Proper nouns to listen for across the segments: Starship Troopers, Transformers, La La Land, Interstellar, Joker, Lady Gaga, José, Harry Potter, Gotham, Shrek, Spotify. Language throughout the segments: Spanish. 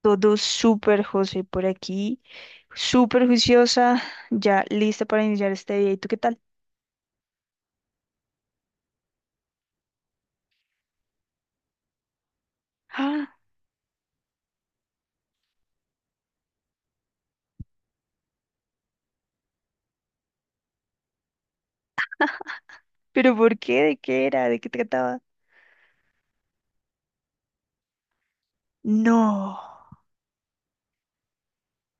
Todo súper, José, por aquí. Súper juiciosa, ya lista para iniciar este día. ¿Y tú qué tal? Ah, ¿pero por qué? ¿De qué era? ¿De qué trataba? No.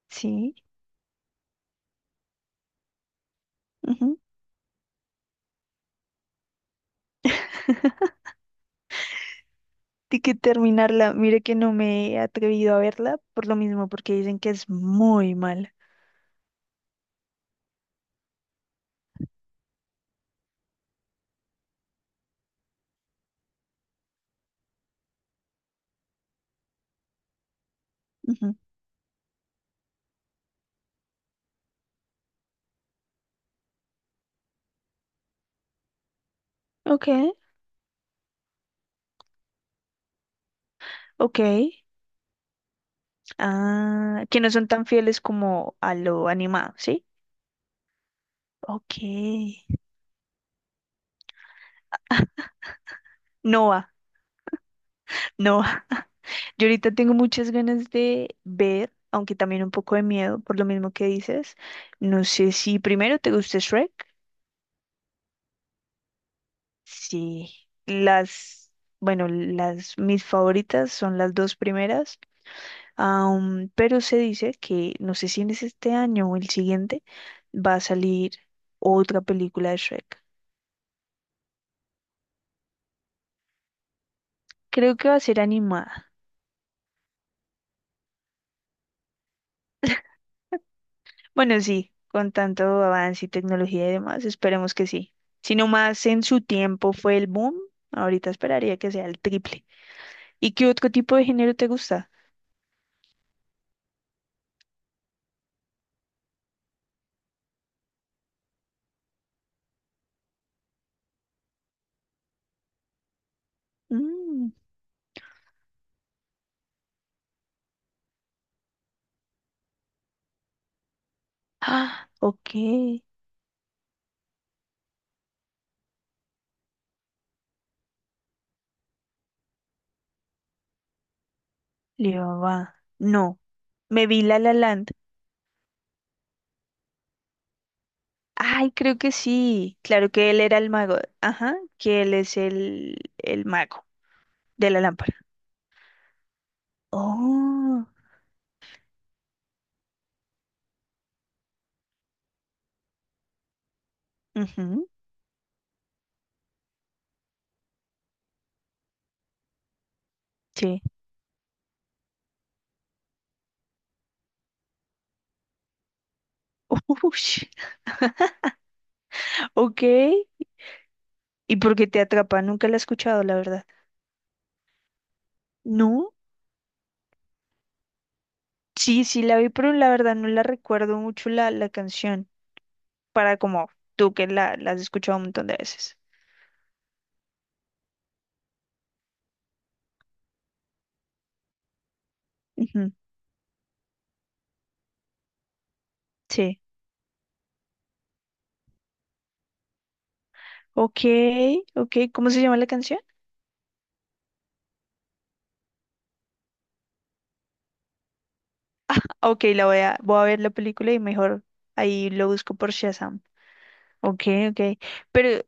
Sí. Ujú. Tengo que terminarla. Mire que no me he atrevido a verla por lo mismo, porque dicen que es muy mala. Ujú. Ok, ok. Ah, que no son tan fieles como a lo animado, ¿sí? Ok. Noah, Noah. Yo ahorita tengo muchas ganas de ver, aunque también un poco de miedo por lo mismo que dices. No sé si primero te gusta Shrek. Sí, las, bueno, las mis favoritas son las dos primeras. Pero se dice que no sé si en es este año o el siguiente va a salir otra película de Shrek. Creo que va a ser animada. Bueno, sí, con tanto avance y tecnología y demás, esperemos que sí. Si no más en su tiempo fue el boom, ahorita esperaría que sea el triple. ¿Y qué otro tipo de género te gusta? Mm. Ah, ok, va. No, me vi La La Land. Ay, creo que sí. Claro que él era el mago. Ajá, que él es el mago de la lámpara. Oh, ujú, sí. Ush. Ok. ¿Y por qué te atrapa? Nunca la he escuchado, la verdad. No, sí, sí la vi, pero la verdad no la recuerdo mucho la canción, para como tú que la has escuchado un montón de veces. Ujú, sí. Ok, ok, ¿cómo se llama la canción? Ok, voy a ver la película y mejor ahí lo busco por Shazam. Ok, ok. Pero,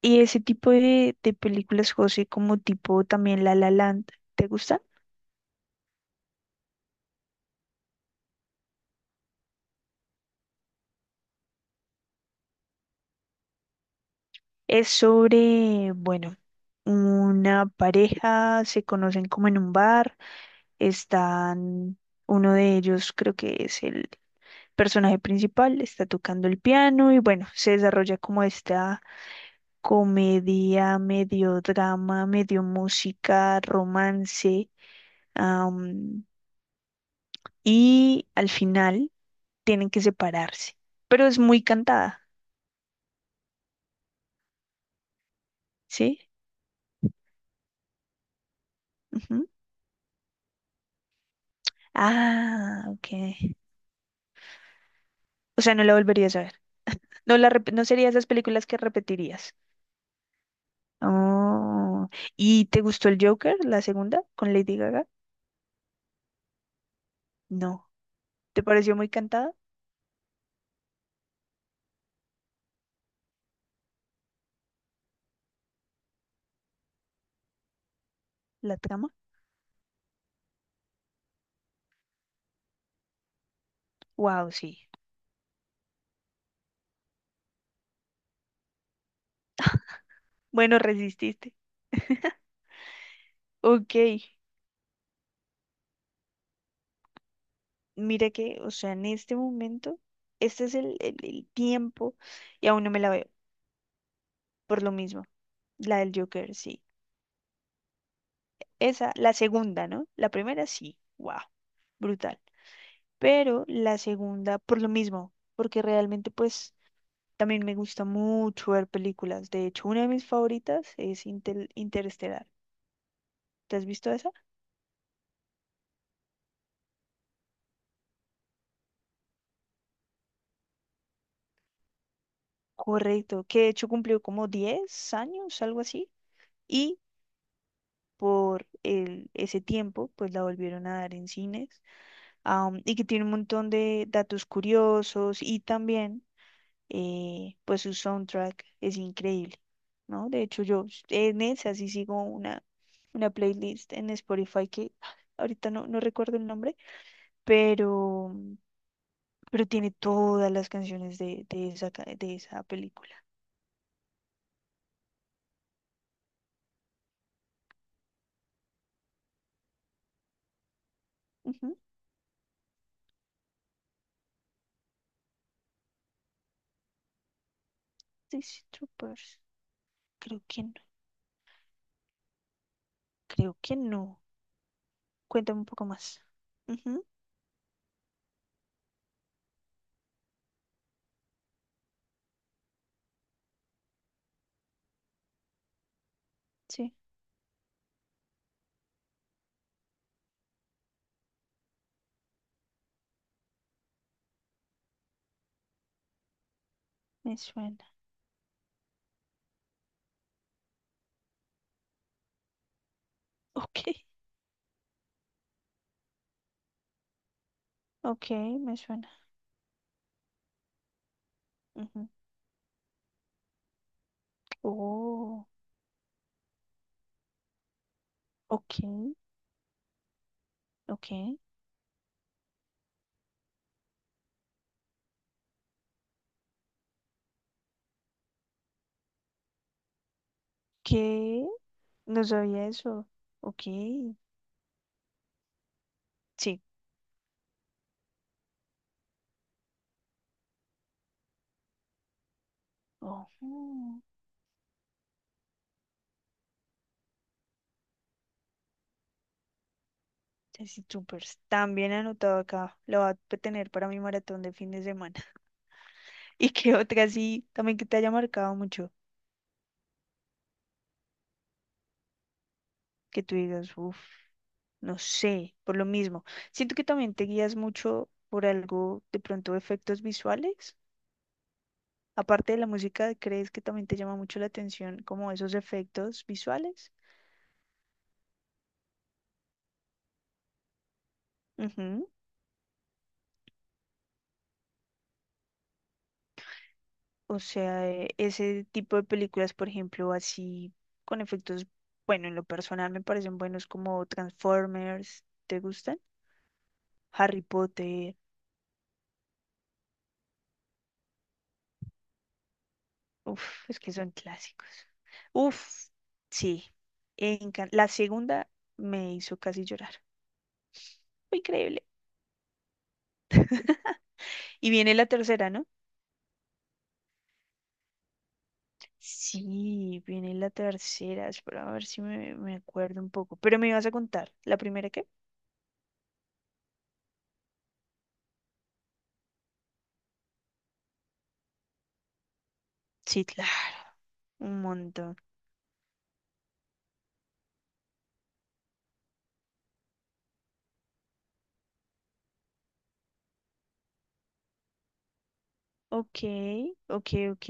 ¿y ese tipo de películas, José, como tipo también La La Land, ¿te gusta? Es sobre, bueno, una pareja, se conocen como en un bar están, uno de ellos creo que es el personaje principal, está tocando el piano y bueno, se desarrolla como esta comedia, medio drama, medio música, romance, am, y al final tienen que separarse, pero es muy cantada, ¿sí? Ujú. Ah, ok. O sea, no la volverías a ver. No sería esas películas que repetirías. Oh. ¿Y te gustó el Joker, la segunda, con Lady Gaga? No. ¿Te pareció muy cantada la trama? Wow, sí. Bueno, resististe. Ok, mira que, o sea, en este momento, este es el tiempo y aún no me la veo, por lo mismo. La del Joker, sí. Esa, la segunda, ¿no? La primera, sí. Wow, brutal. Pero la segunda, por lo mismo, porque realmente, pues, también me gusta mucho ver películas. De hecho, una de mis favoritas es Interestelar. ¿Te has visto esa? Correcto, que de hecho cumplió como 10 años, algo así, y por ese tiempo, pues la volvieron a dar en cines, y que tiene un montón de datos curiosos y también, pues su soundtrack es increíble, ¿no? De hecho, yo en esa sí sigo una playlist en Spotify que ahorita no recuerdo el nombre, pero, pero tiene todas las canciones de esa, de esa película. Ujú, Starship Troopers. Creo que no. Creo que no. Cuéntame un poco más. Ujú, sí, me suena. Ok, ok, me suena. Ujú. Oh, ok, ok. ¿Qué? No sabía eso. Ok, sí. Ojo, así súper. También anotado acá. Lo va a tener para mi maratón de fin de semana. ¿Y qué otra sí? También que te haya marcado mucho. Que tú digas, uff. No sé, por lo mismo. Siento que también te guías mucho por algo, de pronto efectos visuales. Aparte de la música, ¿crees que también te llama mucho la atención como esos efectos visuales? Ujú. O sea, ese tipo de películas, por ejemplo, así con efectos, bueno, en lo personal me parecen buenos como Transformers, ¿te gustan? Harry Potter, uf, es que son clásicos. Uf, sí. La segunda me hizo casi llorar. Fue increíble. Y viene la tercera, ¿no? Sí, viene la tercera. Espera a ver si me acuerdo un poco. Pero me ibas a contar. ¿La primera qué? Sí, claro. Un montón. Ok, ok, ok.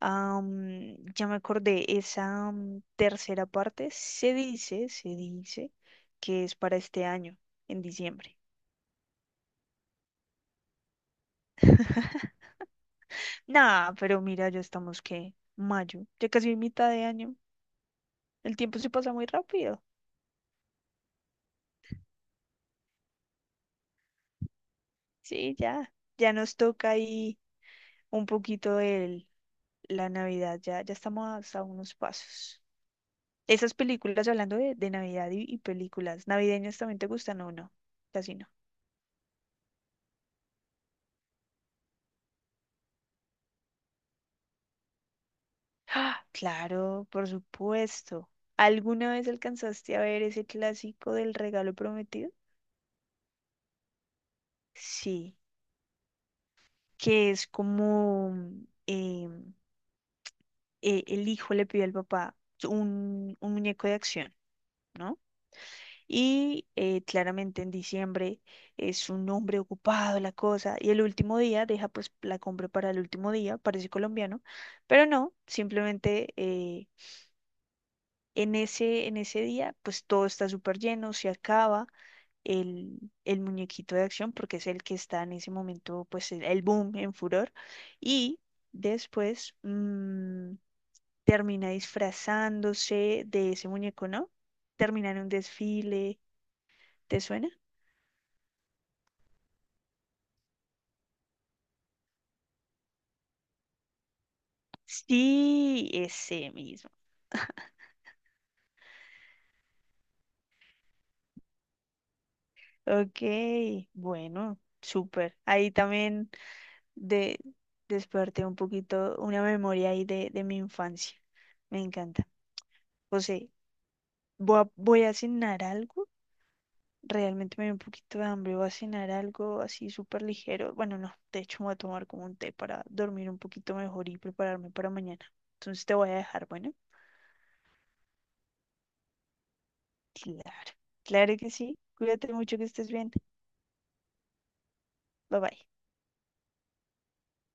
Am, ya me acordé. Esa am, tercera parte se dice que es para este año, en diciembre. Nah, pero mira, ya estamos que mayo, ya casi mitad de año. El tiempo se pasa muy rápido. Sí, ya. Ya nos toca ahí un poquito la Navidad. Ya, ya estamos a unos pasos. Esas películas, hablando de Navidad y películas navideñas, ¿también te gustan o no? Casi no. ¡Ah! Claro, por supuesto. ¿Alguna vez alcanzaste a ver ese clásico del regalo prometido? Sí, que es como em, el hijo le pide al papá un muñeco de acción, ¿no? Y claramente en diciembre es un hombre ocupado la cosa. Y el último día deja pues la compra para el último día, parece colombiano, pero no, simplemente en en ese día pues todo está súper lleno, se acaba el muñequito de acción porque es el que está en ese momento pues el boom en furor. Y después termina disfrazándose de ese muñeco, ¿no? Termina en un desfile, ¿te suena? Sí, ese mismo. Ok, bueno, súper. Ahí también de, desperté un poquito una memoria ahí de mi infancia. Me encanta. José, voy a cenar algo. Realmente me dio un poquito de hambre. Voy a cenar algo así súper ligero. Bueno, no, de hecho me voy a tomar como un té para dormir un poquito mejor y prepararme para mañana. Entonces te voy a dejar, bueno. Claro, claro que sí. Cuídate mucho, que estés bien. Bye bye.